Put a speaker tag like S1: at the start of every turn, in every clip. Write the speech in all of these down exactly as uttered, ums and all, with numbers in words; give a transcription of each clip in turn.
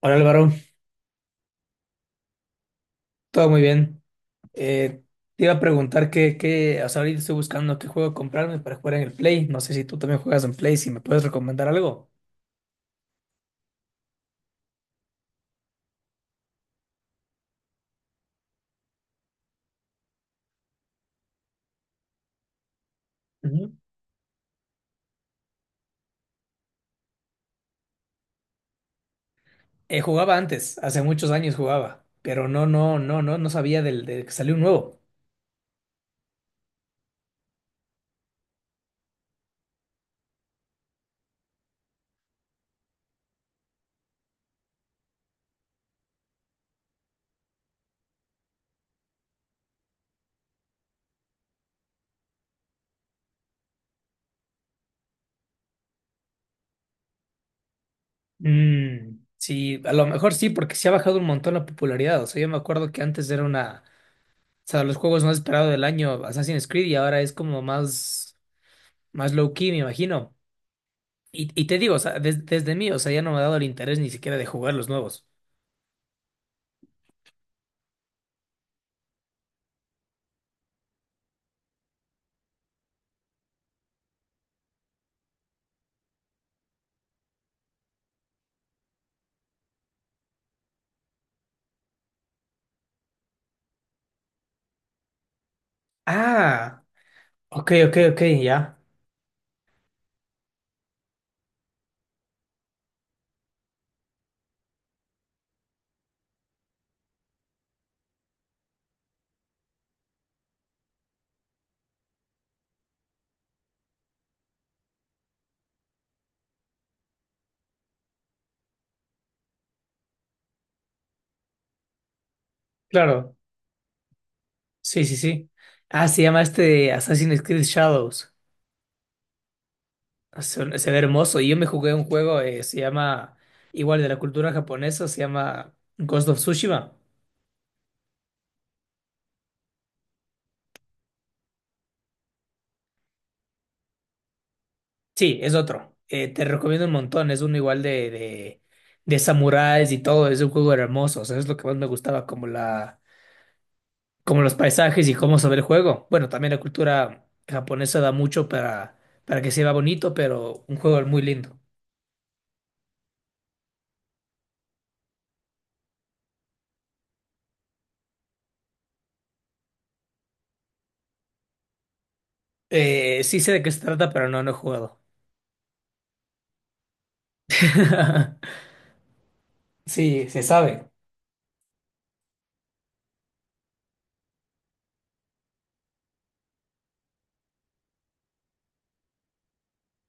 S1: Hola Álvaro, todo muy bien. Eh, te iba a preguntar qué, qué, o sea, ahorita estoy buscando qué juego comprarme para jugar en el Play. No sé si tú también juegas en Play, si me puedes recomendar algo. Ujú. Eh, jugaba antes, hace muchos años jugaba, pero no, no, no, no, no sabía del, de que salió un nuevo. Mm, sí, a lo mejor sí, porque sí ha bajado un montón la popularidad. O sea, yo me acuerdo que antes era una, o sea, los juegos más esperados del año, Assassin's Creed, y ahora es como más, más low key, me imagino. Y, y te digo, o sea, des- desde mí, o sea, ya no me ha dado el interés ni siquiera de jugar los nuevos. Ah, ok, ok, ok, ya. Claro. Sí, sí, sí. Ah, se llama este Assassin's Creed Shadows. Ah, Se, se ve hermoso. Y yo me jugué un juego, eh, se llama, igual de la cultura japonesa, se llama Ghost of Tsushima. Sí, es otro. Eh, te recomiendo un montón. Es uno igual de, de, de samuráis y todo. Es un juego hermoso. O sea, es lo que más me gustaba, como la como los paisajes y cómo se ve el juego. Bueno, también la cultura japonesa da mucho para, para, que se vea bonito, pero un juego muy lindo. Eh, sí sé de qué se trata, pero no, no he jugado. Sí, se sabe.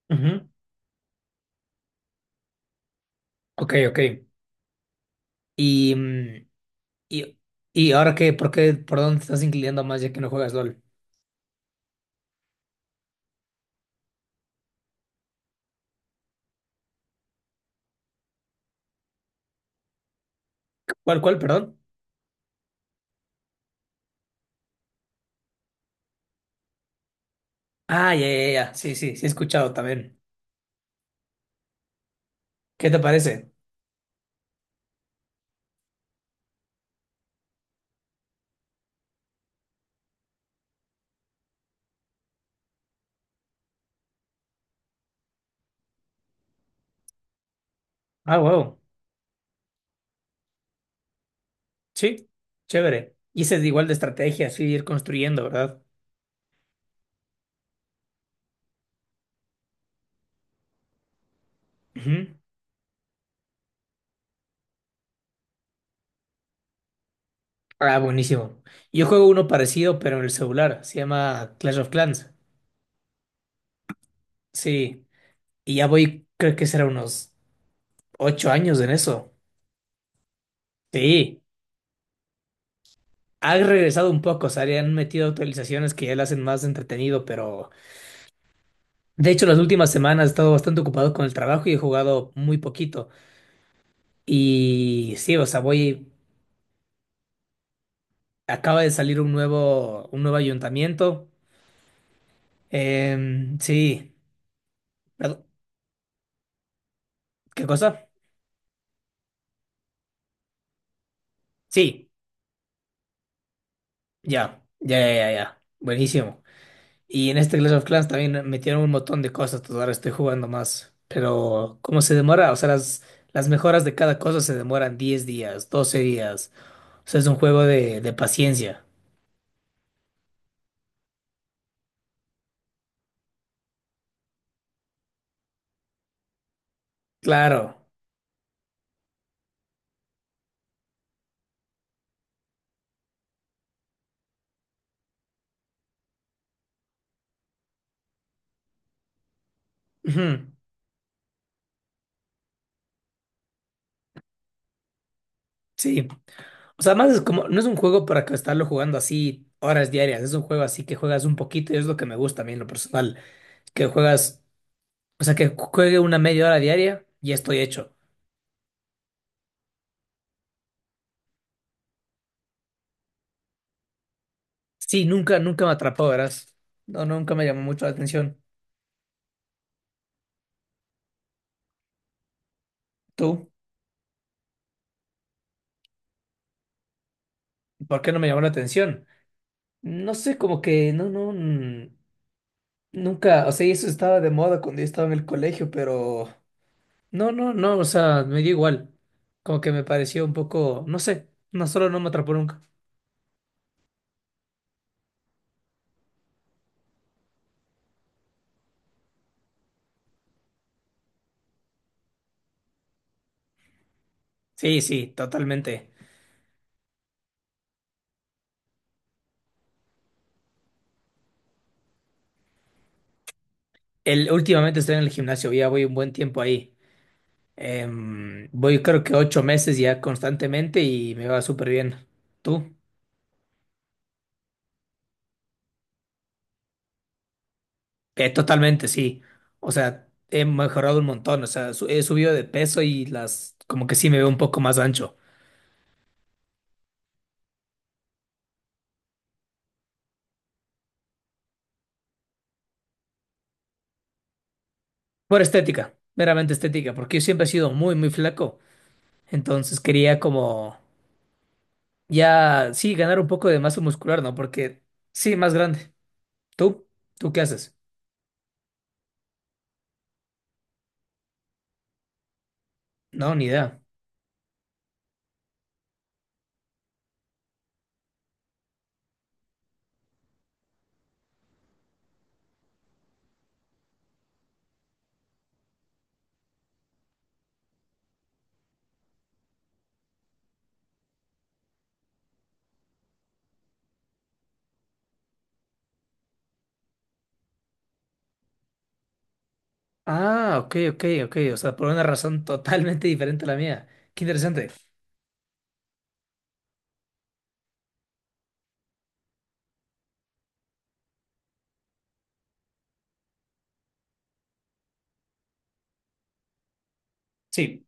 S1: Ujú. Ok, ok. Y, mm, y, y ahora qué, ¿por qué, por dónde te estás inclinando más ya que no juegas LOL? ¿Cuál, cuál, perdón? Ah, ya, ya, ya. Sí, sí, sí he escuchado también. ¿Qué te parece? Ah, wow. Sí, chévere. Y ese es igual de estrategia, así ir construyendo, ¿verdad? Ujú. Ah, buenísimo. Yo juego uno parecido, pero en el celular. Se llama Clash of Clans. Sí. Y ya voy, creo que será unos ocho años en eso. Sí. Ha regresado un poco, o sea, le han metido actualizaciones que ya lo hacen más entretenido, pero de hecho las últimas semanas he estado bastante ocupado con el trabajo y he jugado muy poquito. Y sí, o sea, voy, acaba de salir un nuevo, un nuevo ayuntamiento. Em, sí. Perdón, ¿qué cosa? Sí, ya, ya, ya, ya, ya. Buenísimo. Y en este Clash of Clans también metieron un montón de cosas, entonces ahora estoy jugando más. Pero ¿cómo se demora? O sea, las, las mejoras de cada cosa se demoran diez días, doce días. O sea, es un juego de, de paciencia. Claro. Ujú. Sí. O sea, más es como, no es un juego para que estarlo jugando así horas diarias, es un juego así que juegas un poquito y es lo que me gusta a mí en lo personal, que juegas, o sea, que juegue una media hora diaria y estoy hecho. Sí, nunca, nunca me atrapó, verás. No, nunca me llamó mucho la atención. ¿Tú? ¿Por qué no me llamó la atención? No sé, como que no, no, mm, nunca, o sea, y eso estaba de moda cuando yo estaba en el colegio, pero no, no, no, o sea, me dio igual. Como que me pareció un poco, no sé, no solo no me atrapó nunca. Sí, sí, totalmente. El, últimamente estoy en el gimnasio, ya voy un buen tiempo ahí. Em, voy creo que ocho meses ya constantemente y me va súper bien. ¿Tú? Eh, totalmente, sí. O sea, he mejorado un montón. O sea, su- he subido de peso y las, como que sí me veo un poco más ancho. Por estética, meramente estética, porque yo siempre he sido muy, muy flaco. Entonces quería como ya, sí, ganar un poco de masa muscular, ¿no? Porque sí, más grande. ¿Tú? ¿Tú qué haces? No, ni idea. Ah, ok, ok, ok. O sea, por una razón totalmente diferente a la mía. Qué interesante. Sí.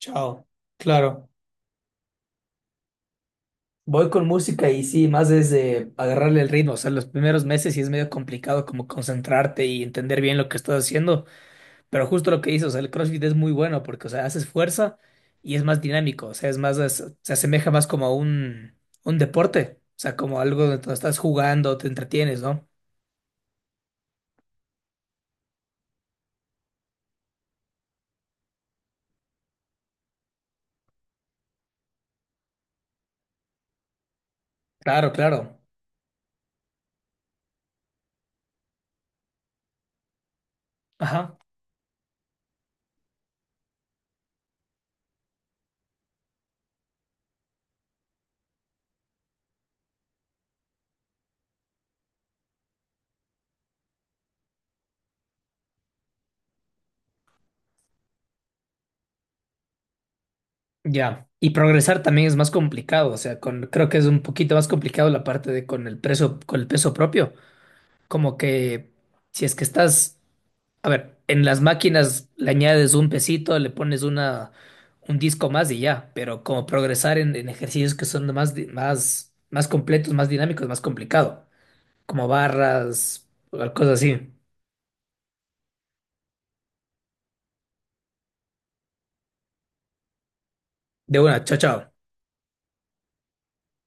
S1: Chao. Claro. Voy con música y sí, más desde agarrarle el ritmo. O sea, los primeros meses sí es medio complicado como concentrarte y entender bien lo que estás haciendo. Pero justo lo que dices, o sea, el CrossFit es muy bueno porque, o sea, haces fuerza y es más dinámico. O sea, es más, es- se asemeja más como a un, un deporte. O sea, como algo donde tú estás jugando, te entretienes, ¿no? Claro, claro. Ajá. Ya. Y progresar también es más complicado. O sea, con, creo que es un poquito más complicado la parte de con el peso, con el peso propio. Como que si es que estás. A ver, en las máquinas le añades un pesito, le pones una, un disco más y ya, pero como progresar en, en ejercicios que son más, di- más, más completos, más dinámicos, es más complicado, como barras, o cosas así. De una, chao, chao.